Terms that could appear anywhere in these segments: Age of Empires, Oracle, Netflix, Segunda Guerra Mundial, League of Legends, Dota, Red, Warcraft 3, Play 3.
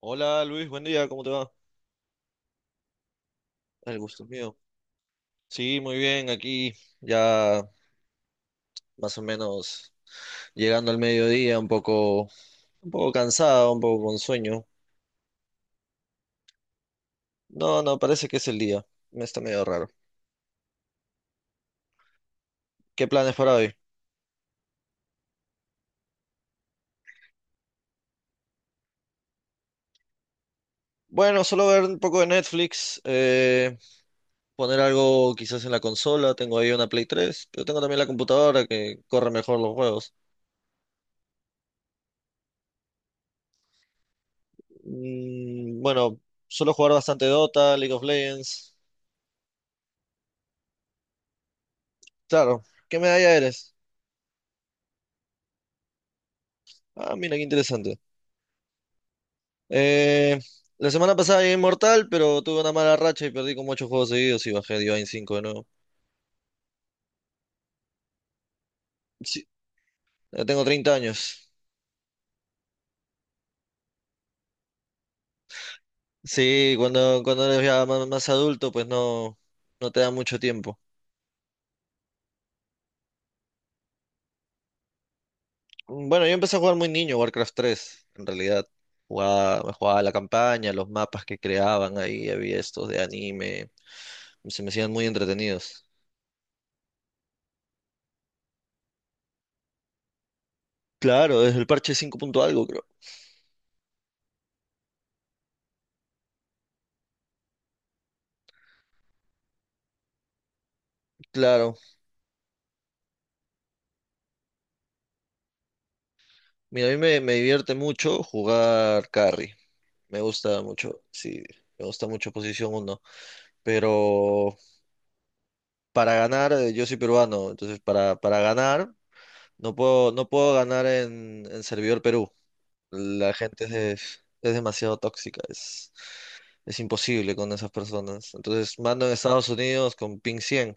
Hola Luis, buen día, ¿cómo te va? El gusto es mío. Sí, muy bien, aquí ya más o menos llegando al mediodía, un poco cansado, un poco con sueño. No, no, parece que es el día. Me está medio raro. ¿Qué planes para hoy? Bueno, solo ver un poco de Netflix, poner algo quizás en la consola. Tengo ahí una Play 3, pero tengo también la computadora que corre mejor los juegos. Bueno, suelo jugar bastante Dota, League of Legends. Claro, ¿qué medalla eres? Ah, mira, qué interesante. Eh, la semana pasada llegué inmortal, pero tuve una mala racha y perdí como 8 juegos seguidos y bajé Divine 5 de nuevo. Sí, ya tengo 30 años. Sí, cuando eres ya más, más adulto, pues no, no te da mucho tiempo. Bueno, yo empecé a jugar muy niño Warcraft 3, en realidad. Jugaba, me jugaba la campaña, los mapas que creaban ahí, había estos de anime, se me hacían muy entretenidos. Claro, desde el parche 5 punto algo, creo. Claro. Mira, a mí me divierte mucho jugar carry. Me gusta mucho, sí, me gusta mucho posición uno pero para ganar, yo soy peruano, entonces para ganar, no puedo ganar en servidor Perú. La gente es, de- es demasiado tóxica, es imposible con esas personas. Entonces mando en Estados Unidos con ping cien.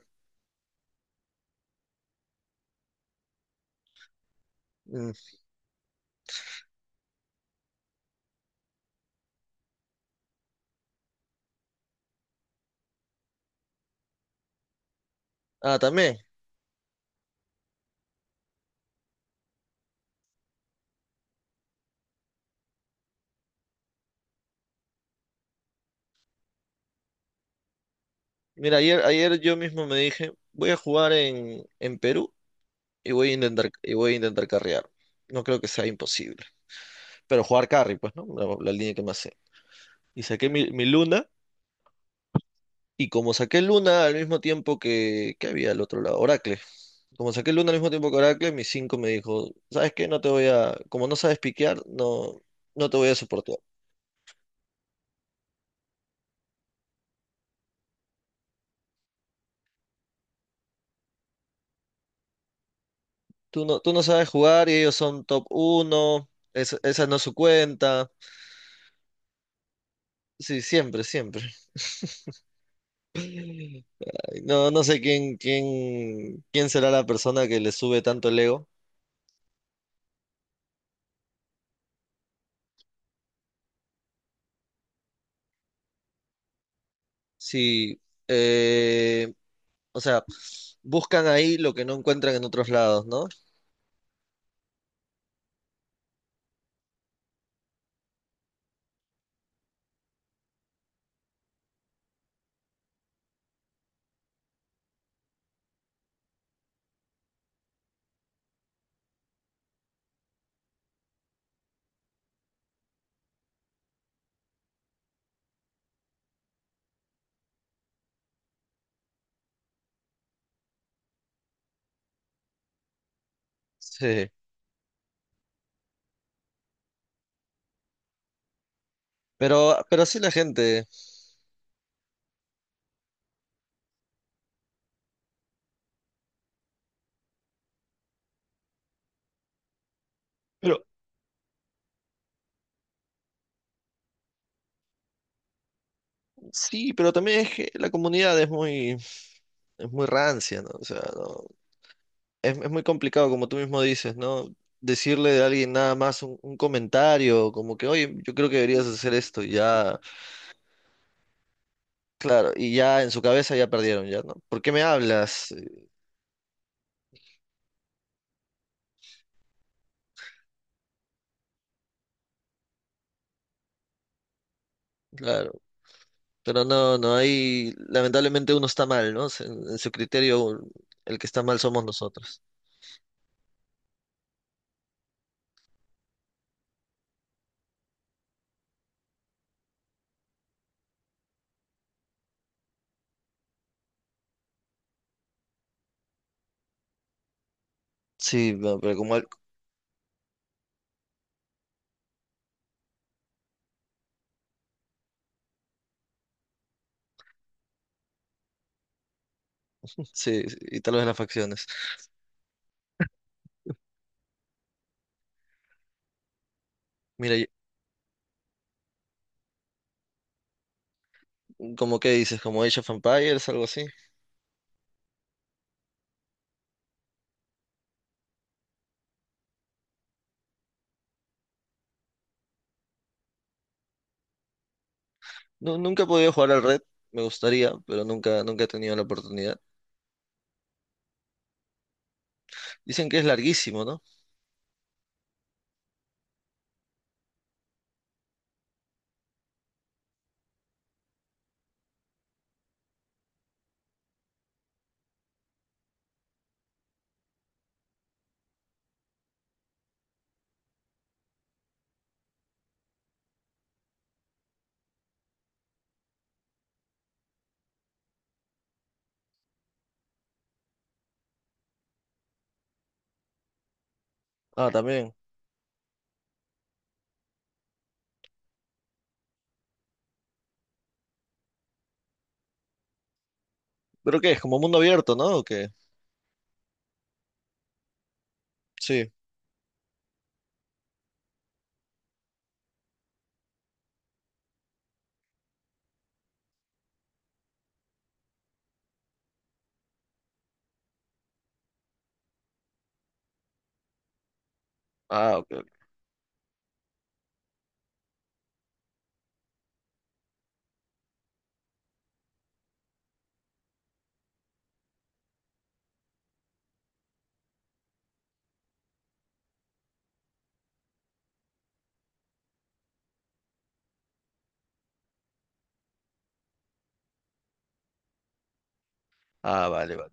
Mm. Ah, también. Mira, ayer, ayer yo mismo me dije, voy a jugar en Perú y voy a intentar, y voy a intentar carrear. No creo que sea imposible. Pero jugar carry, pues, ¿no? La línea que más sé. Y saqué mi, mi Luna. Y como saqué Luna al mismo tiempo que había al otro lado, Oracle. Como saqué Luna al mismo tiempo que Oracle, mi 5 me dijo, ¿sabes qué? No te voy a, como no sabes piquear, no, no te voy a soportar. Tú no sabes jugar y ellos son top uno, es- esa no es su cuenta. Sí, siempre, siempre. Ay, no, no sé quién será la persona que le sube tanto el ego. Sí, eh, o sea, buscan ahí lo que no encuentran en otros lados, ¿no? Sí, pero, pero sí, pero también es que la comunidad es muy rancia, ¿no? O sea, no- es muy complicado, como tú mismo dices, ¿no? Decirle a alguien nada más un comentario, como que, oye, yo creo que deberías hacer esto, y ya, claro, y ya en su cabeza ya perdieron, ya, ¿no? ¿Por qué me hablas? Claro, pero no, no, ahí lamentablemente uno está mal, ¿no? Se- En, su criterio, el que está mal somos nosotros. Sí, no, pero como, al- sí, sí, y tal vez las facciones. Mira, ¿como qué dices, como Age of Empires, algo así? Nu- nunca he podido jugar al Red, me gustaría, pero nunca, nunca he tenido la oportunidad. Dicen que es larguísimo, ¿no? Ah, también. ¿Pero qué? ¿Es como mundo abierto, ¿no? ¿O qué? Sí. Ah, ok. Ok. Ah, vale, vale.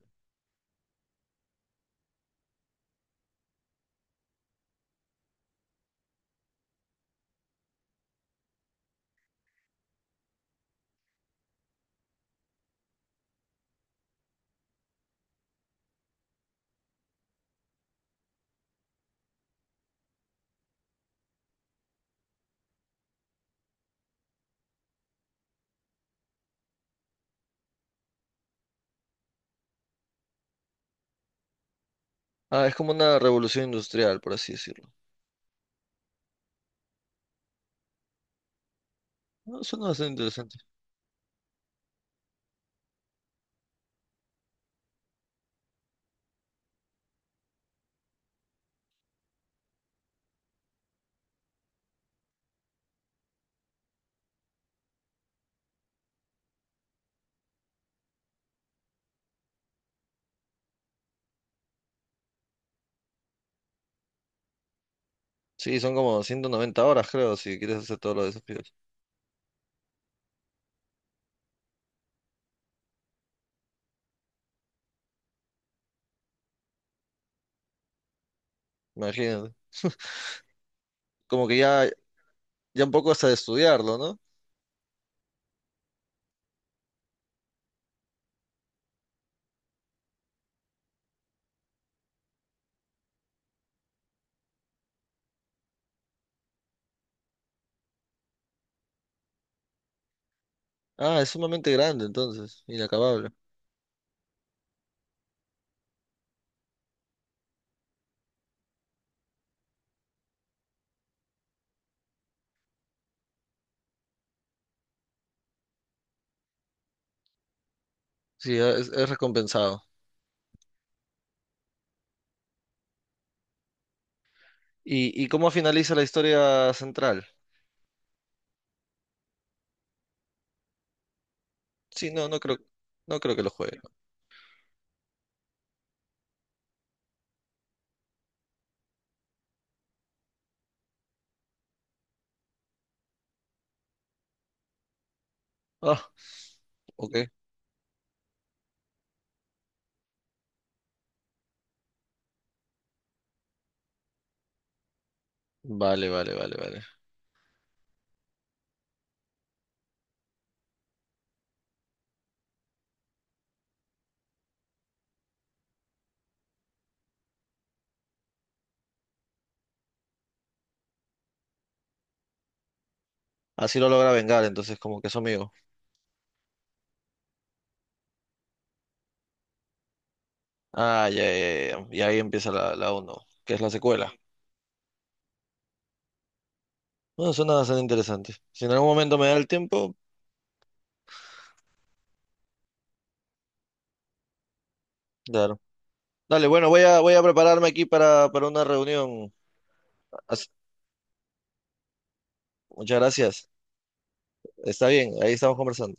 Ah, es como una revolución industrial, por así decirlo. No, suena bastante interesante. Sí, son como 190 horas, creo, si quieres hacer todos los desafíos. Imagínate. Como que ya, ya un poco hasta de estudiarlo, ¿no? Ah, es sumamente grande, entonces. Inacabable. Sí, es recompensado. Y cómo finaliza la historia central? Sí, no, no creo, no creo que lo juegue. Ah, ok. Vale, vale, vale, vale. Así lo logra vengar, entonces como que es su amigo. Ah, ya, ya, ya. Y ahí empieza la, la uno, que es la secuela. Bueno, suena bastante interesante. Si en algún momento me da el tiempo, claro. Dale, bueno, voy a, voy a prepararme aquí para una reunión. As- muchas gracias. Está bien, ahí estamos conversando.